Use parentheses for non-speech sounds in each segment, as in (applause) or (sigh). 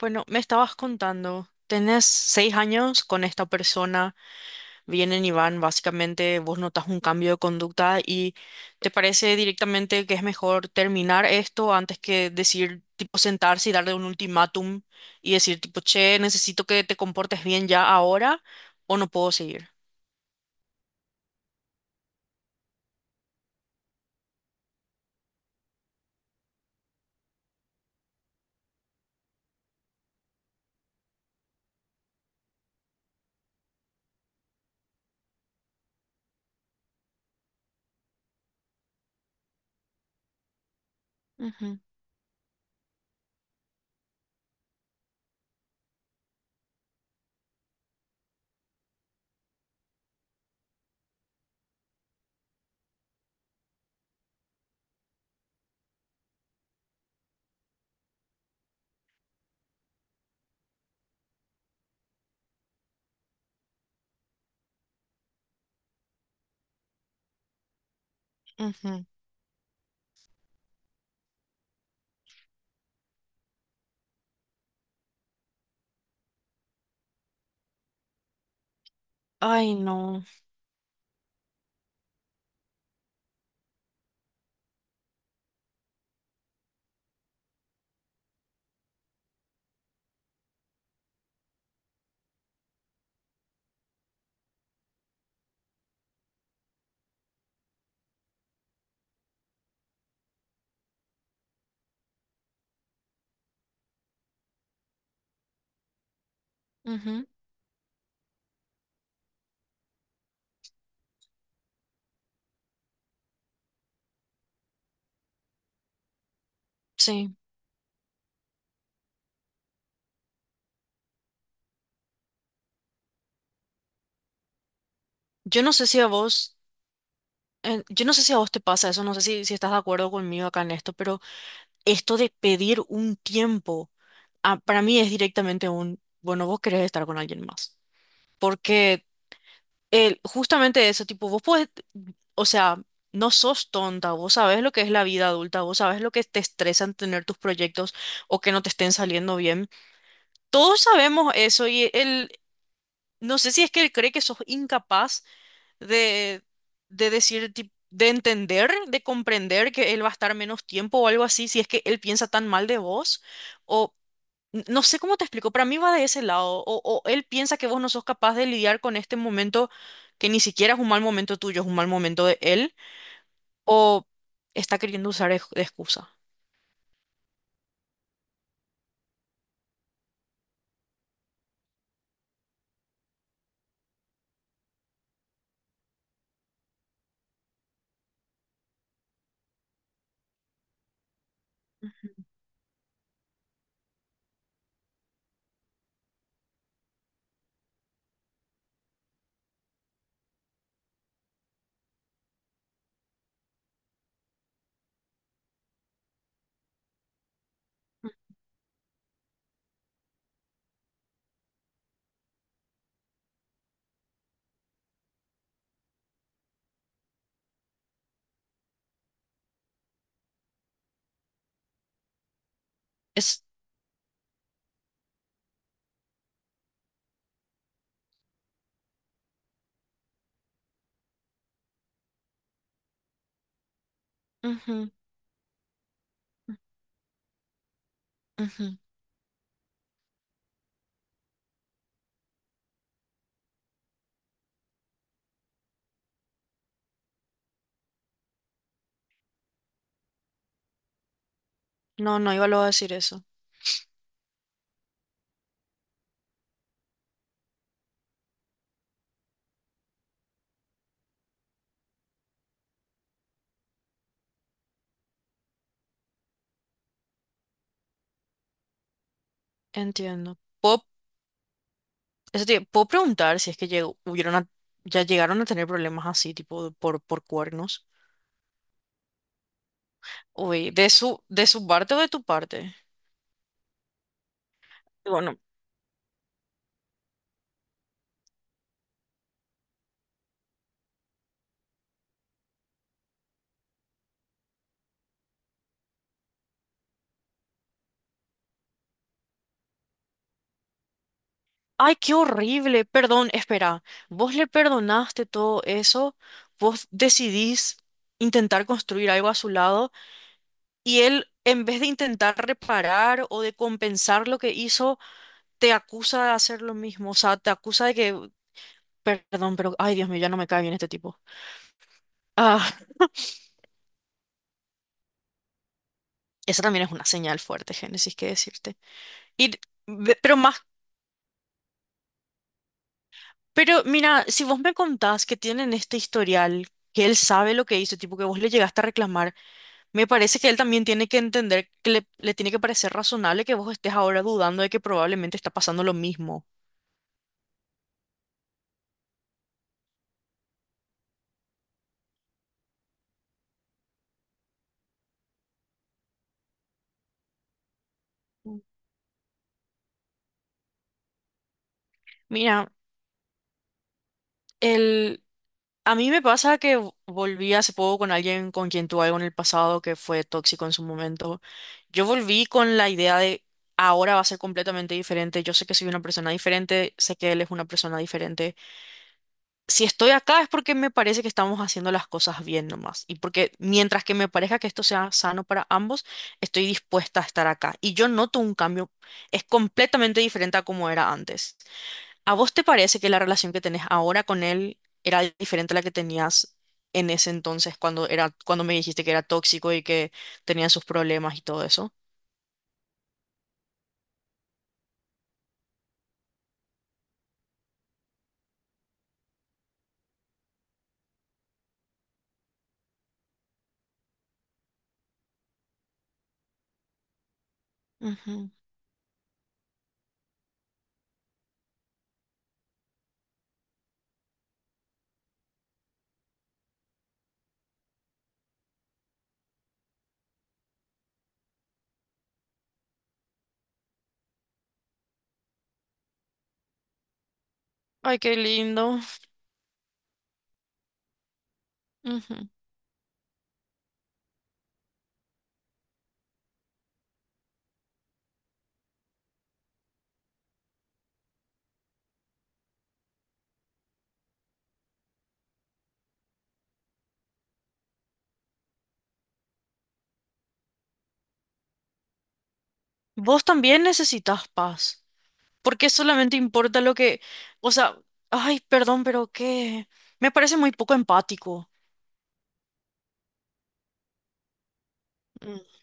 Bueno, me estabas contando, tenés 6 años con esta persona, vienen y van, básicamente vos notas un cambio de conducta y te parece directamente que es mejor terminar esto antes que decir, tipo, sentarse y darle un ultimátum y decir, tipo, che, necesito que te comportes bien ya ahora o no puedo seguir. Ujú, ujú. Ay, no. Ujú. Sí. Yo no sé si a vos, yo no sé si a vos te pasa eso, no sé si estás de acuerdo conmigo acá en esto, pero esto de pedir un tiempo, ah, para mí es directamente bueno, vos querés estar con alguien más. Porque justamente eso, tipo, vos podés, o sea, no sos tonta, vos sabés lo que es la vida adulta, vos sabés lo que te estresan tener tus proyectos o que no te estén saliendo bien. Todos sabemos eso y él, no sé si es que él cree que sos incapaz de, decir, tipo, de entender, de comprender que él va a estar menos tiempo o algo así, si es que él piensa tan mal de vos. O no sé cómo te explico, para mí va de ese lado. O él piensa que vos no sos capaz de lidiar con este momento que ni siquiera es un mal momento tuyo, es un mal momento de él. O está queriendo usar de excusa. Es... Ujú, ujú. No, no iba luego a decir eso. Entiendo. ¿Puedo, puedo preguntar si es que ya llegaron a tener problemas así, tipo por cuernos? Uy, ¿de su parte o de tu parte? Ay, qué horrible. Perdón, espera. ¿Vos le perdonaste todo eso? ¿Vos decidís intentar construir algo a su lado? Y él, en vez de intentar reparar o de compensar lo que hizo, te acusa de hacer lo mismo. O sea, te acusa de que... Perdón, pero... Ay, Dios mío, ya no me cae bien este tipo. Ah, (laughs) esa también es una señal fuerte, Génesis, qué decirte. Y, pero más... Pero mira, si vos me contás que tienen este historial, que él sabe lo que hizo, tipo que vos le llegaste a reclamar. Me parece que él también tiene que entender que le tiene que parecer razonable que vos estés ahora dudando de que probablemente está pasando lo mismo. Mm. Mira, el, a mí me pasa que volví hace poco con alguien con quien tuve algo en el pasado que fue tóxico en su momento. Yo volví con la idea de ahora va a ser completamente diferente. Yo sé que soy una persona diferente, sé que él es una persona diferente. Si estoy acá es porque me parece que estamos haciendo las cosas bien nomás. Y porque mientras que me parezca que esto sea sano para ambos, estoy dispuesta a estar acá. Y yo noto un cambio, es completamente diferente a como era antes. ¿A vos te parece que la relación que tenés ahora con él era diferente a la que tenías en ese entonces cuando era, cuando me dijiste que era tóxico y que tenía sus problemas y todo eso? Ujú. Ay, qué lindo. Ujú. Vos también necesitas paz. ¿Por qué solamente importa lo que, o sea, ay, perdón, pero qué? Me parece muy poco empático. Mm.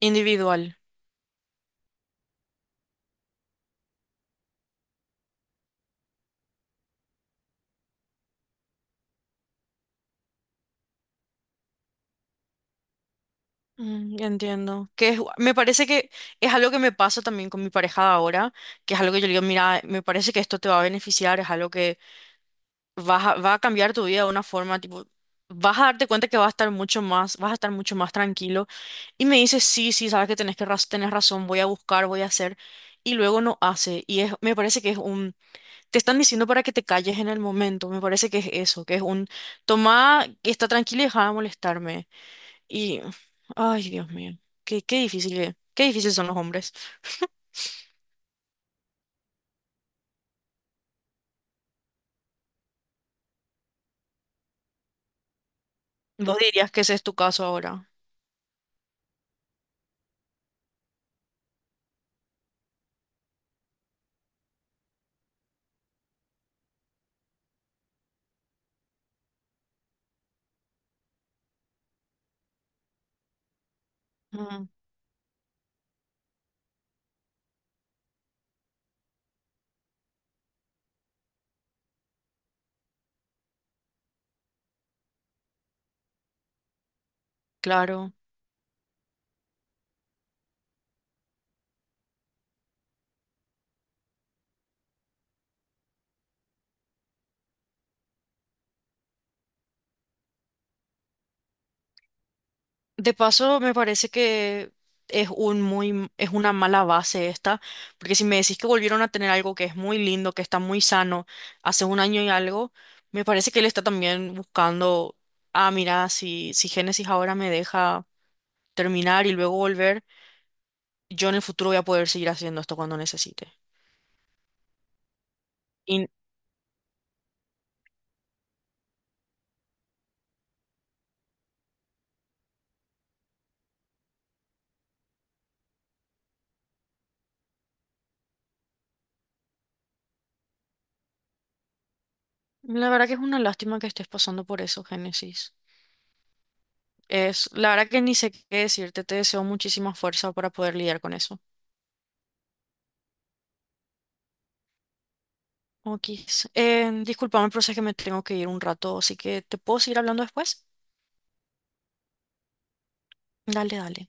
Individual. Mm, ya entiendo. Que me parece que es algo que me pasa también con mi pareja de ahora, que es algo que yo le digo, mira, me parece que esto te va a beneficiar, es algo que va a cambiar tu vida de una forma, tipo, vas a darte cuenta que vas a estar mucho más, vas a estar mucho más tranquilo. Y me dice, sí, sí, sabes que tenés que tenés razón, voy a buscar, voy a hacer. Y luego no hace. Y es, me parece que es un te están diciendo para que te calles en el momento. Me parece que es eso, que es un toma, está tranquila y deja de molestarme. Y, ay, Dios mío, qué, qué difícil, qué difícil son los hombres. Vos dirías que ese es tu caso ahora. Mm, claro. De paso, me parece que es un muy, m- es una mala base esta, porque si me decís que volvieron a tener algo que es muy lindo, que está muy sano, hace un año y algo, me parece que él está también buscando, ah, mira, si Génesis ahora me deja. Terminar y luego volver, yo en el futuro voy a poder seguir haciendo esto cuando necesite. Y la verdad que es una lástima que estés pasando por eso, Génesis. Es, la verdad que ni sé qué decirte, te deseo muchísima fuerza para poder lidiar con eso. Ok, discúlpame, pero sé que me tengo que ir un rato, así que ¿te puedo seguir hablando después? Dale, dale.